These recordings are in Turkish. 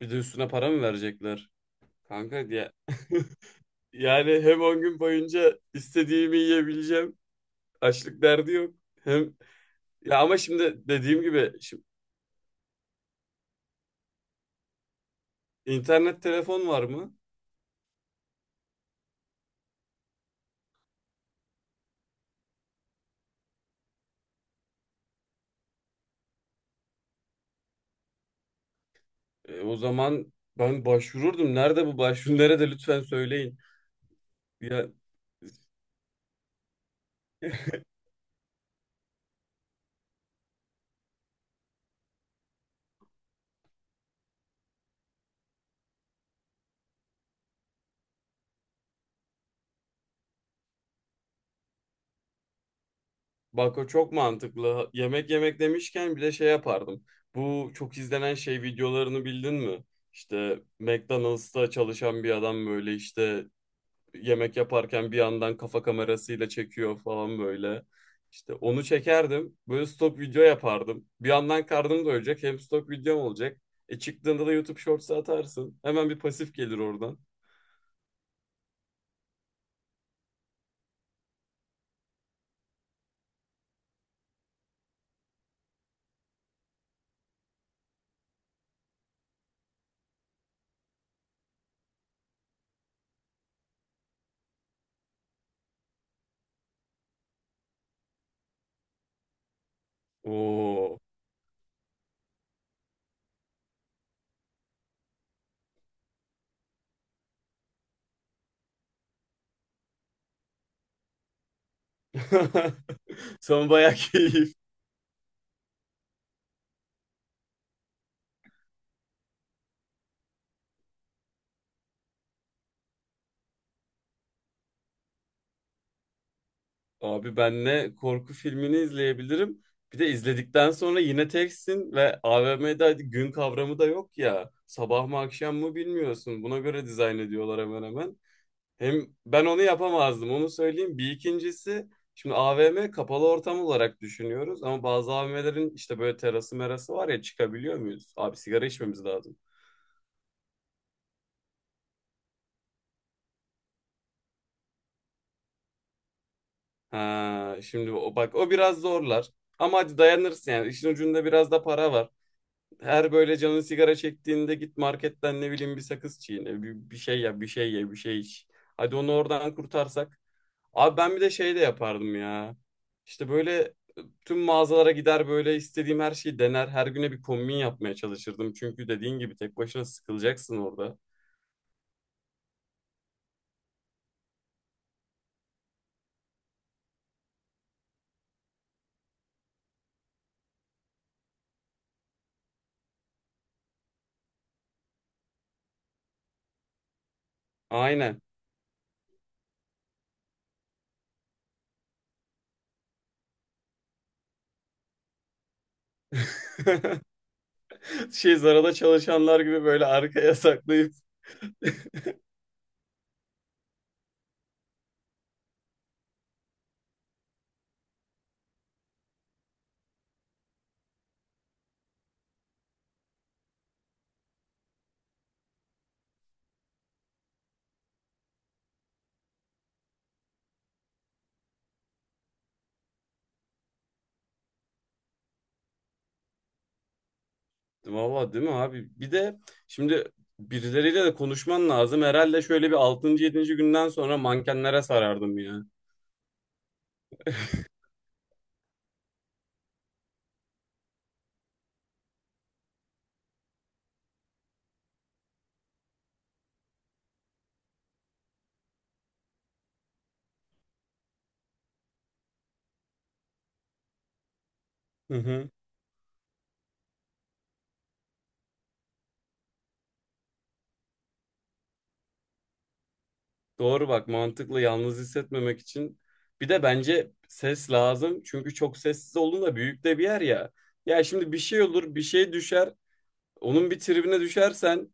Bir de üstüne para mı verecekler? Kanka diye. Yani hem 10 gün boyunca istediğimi yiyebileceğim. Açlık derdi yok. Hem ya ama şimdi dediğim gibi internet telefon var mı? O zaman ben başvururdum. Nerede bu başvuru? Nerede lütfen söyleyin. Ya bak o çok mantıklı. Yemek yemek demişken bir de şey yapardım. Bu çok izlenen şey videolarını bildin mi? İşte McDonald's'ta çalışan bir adam böyle işte yemek yaparken bir yandan kafa kamerasıyla çekiyor falan böyle. İşte onu çekerdim. Böyle stok video yapardım. Bir yandan karnım doyacak hem stok videom olacak. E çıktığında da YouTube Shorts'a atarsın. Hemen bir pasif gelir oradan. Oo. Sen bayağı keyifli. Abi benle korku filmini izleyebilirim. Bir de izledikten sonra yine teksin ve AVM'de gün kavramı da yok ya. Sabah mı akşam mı bilmiyorsun. Buna göre dizayn ediyorlar hemen hemen. Hem ben onu yapamazdım onu söyleyeyim. Bir ikincisi şimdi AVM kapalı ortam olarak düşünüyoruz. Ama bazı AVM'lerin işte böyle terası merası var ya çıkabiliyor muyuz? Abi sigara içmemiz lazım. Ha, şimdi o, bak o biraz zorlar. Ama hadi dayanırsın yani. İşin ucunda biraz da para var. Her böyle canın sigara çektiğinde git marketten ne bileyim bir sakız çiğne, bir şey yap, bir şey ye, bir şey iç. Hadi onu oradan kurtarsak. Abi ben bir de şey de yapardım ya. İşte böyle tüm mağazalara gider böyle istediğim her şeyi dener. Her güne bir kombin yapmaya çalışırdım. Çünkü dediğin gibi tek başına sıkılacaksın orada. Aynen. Şey Zara'da çalışanlar gibi böyle arkaya saklayıp valla değil mi abi? Bir de şimdi birileriyle de konuşman lazım. Herhalde şöyle bir altıncı, yedinci günden sonra mankenlere sarardım ya. Hı hı. Doğru bak mantıklı yalnız hissetmemek için. Bir de bence ses lazım. Çünkü çok sessiz olduğunda büyük de bir yer ya. Ya şimdi bir şey olur, bir şey düşer. Onun bir tribine düşersen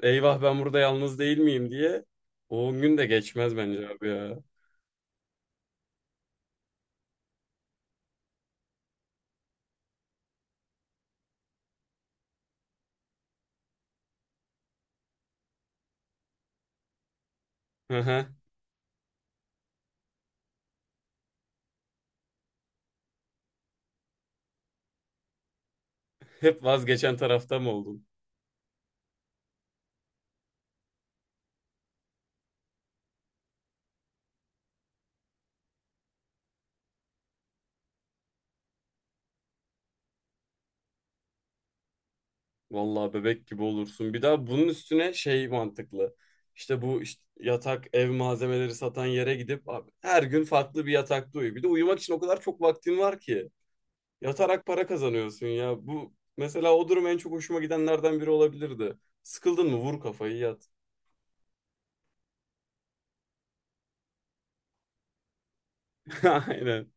eyvah ben burada yalnız değil miyim diye. O on gün de geçmez bence abi ya. Hı hı. Hep vazgeçen tarafta mı oldun? Vallahi bebek gibi olursun. Bir daha bunun üstüne şey mantıklı. İşte bu işte yatak ev malzemeleri satan yere gidip abi, her gün farklı bir yatakta uyu. Bir de uyumak için o kadar çok vaktin var ki. Yatarak para kazanıyorsun ya. Bu mesela o durum en çok hoşuma gidenlerden biri olabilirdi. Sıkıldın mı vur kafayı yat. Aynen.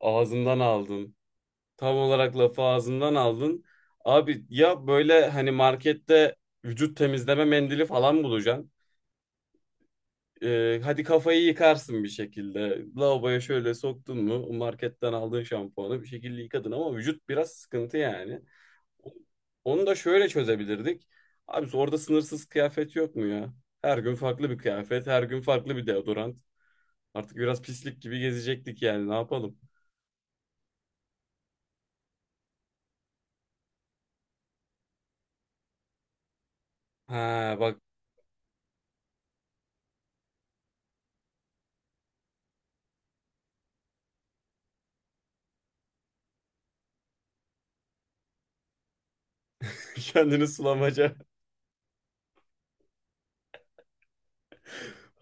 Ağzından aldın. Tam olarak lafı ağzından aldın. Abi ya böyle hani markette vücut temizleme mendili falan bulacaksın. Hadi kafayı yıkarsın bir şekilde. Lavaboya şöyle soktun mu o marketten aldığın şampuanı bir şekilde yıkadın ama vücut biraz sıkıntı yani. Onu da şöyle çözebilirdik. Abi orada sınırsız kıyafet yok mu ya? Her gün farklı bir kıyafet, her gün farklı bir deodorant. Artık biraz pislik gibi gezecektik yani ne yapalım? Ha bak kendini sulamaca.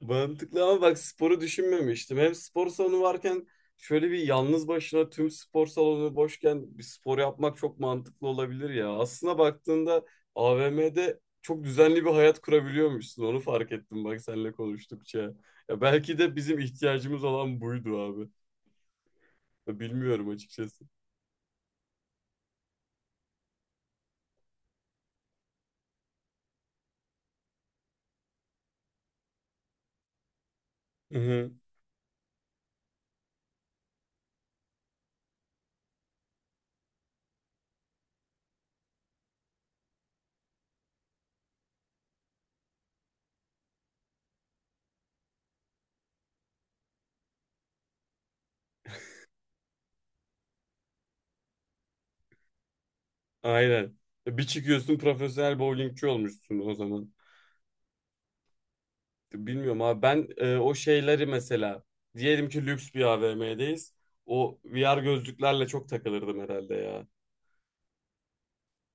Mantıklı ama bak sporu düşünmemiştim. Hem spor salonu varken şöyle bir yalnız başına tüm spor salonu boşken bir spor yapmak çok mantıklı olabilir ya. Aslına baktığında AVM'de çok düzenli bir hayat kurabiliyormuşsun. Onu fark ettim bak seninle konuştukça. Ya belki de bizim ihtiyacımız olan buydu abi. Ya bilmiyorum açıkçası. Hı hı, aynen. Ya bir çıkıyorsun profesyonel bowlingçi olmuşsun o zaman. Bilmiyorum abi ben o şeyleri mesela diyelim ki lüks bir AVM'deyiz. O VR gözlüklerle çok takılırdım herhalde ya.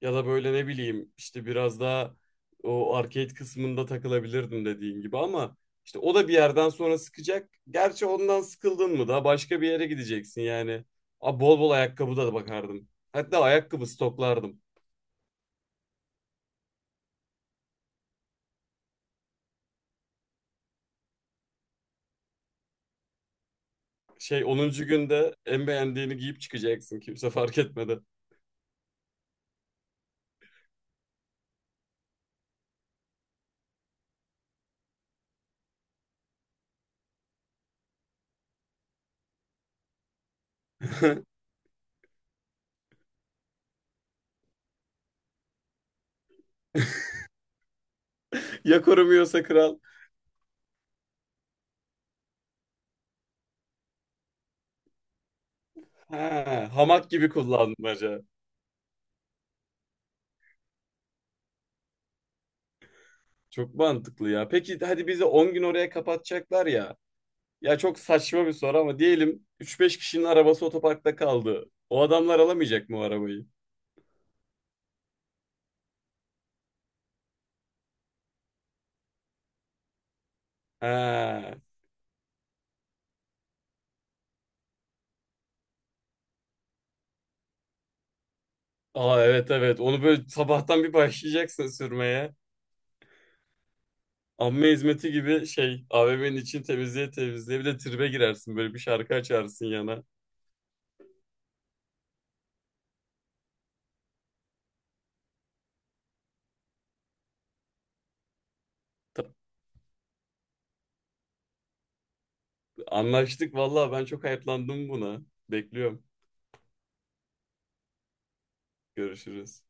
Ya da böyle ne bileyim işte biraz daha o arcade kısmında takılabilirdim dediğin gibi ama işte o da bir yerden sonra sıkacak. Gerçi ondan sıkıldın mı da başka bir yere gideceksin yani. Abi bol bol ayakkabı da bakardım. Hatta ayakkabı stoklardım. Şey onuncu günde en beğendiğini giyip çıkacaksın kimse fark etmeden. Ya korumuyorsa kral. Ha, hamak gibi kullanmaca. Çok mantıklı ya. Peki hadi bizi 10 gün oraya kapatacaklar ya. Ya çok saçma bir soru ama diyelim üç beş kişinin arabası otoparkta kaldı. O adamlar alamayacak mı o arabayı? Ha. Aa evet evet. Onu böyle sabahtan bir başlayacaksın sürmeye. Amme hizmeti gibi şey AVM'nin için temizliğe temizliğe bir de tribe girersin böyle bir şarkı açarsın yana. Ta- Anlaştık vallahi ben çok hayıflandım buna. Bekliyorum. Görüşürüz.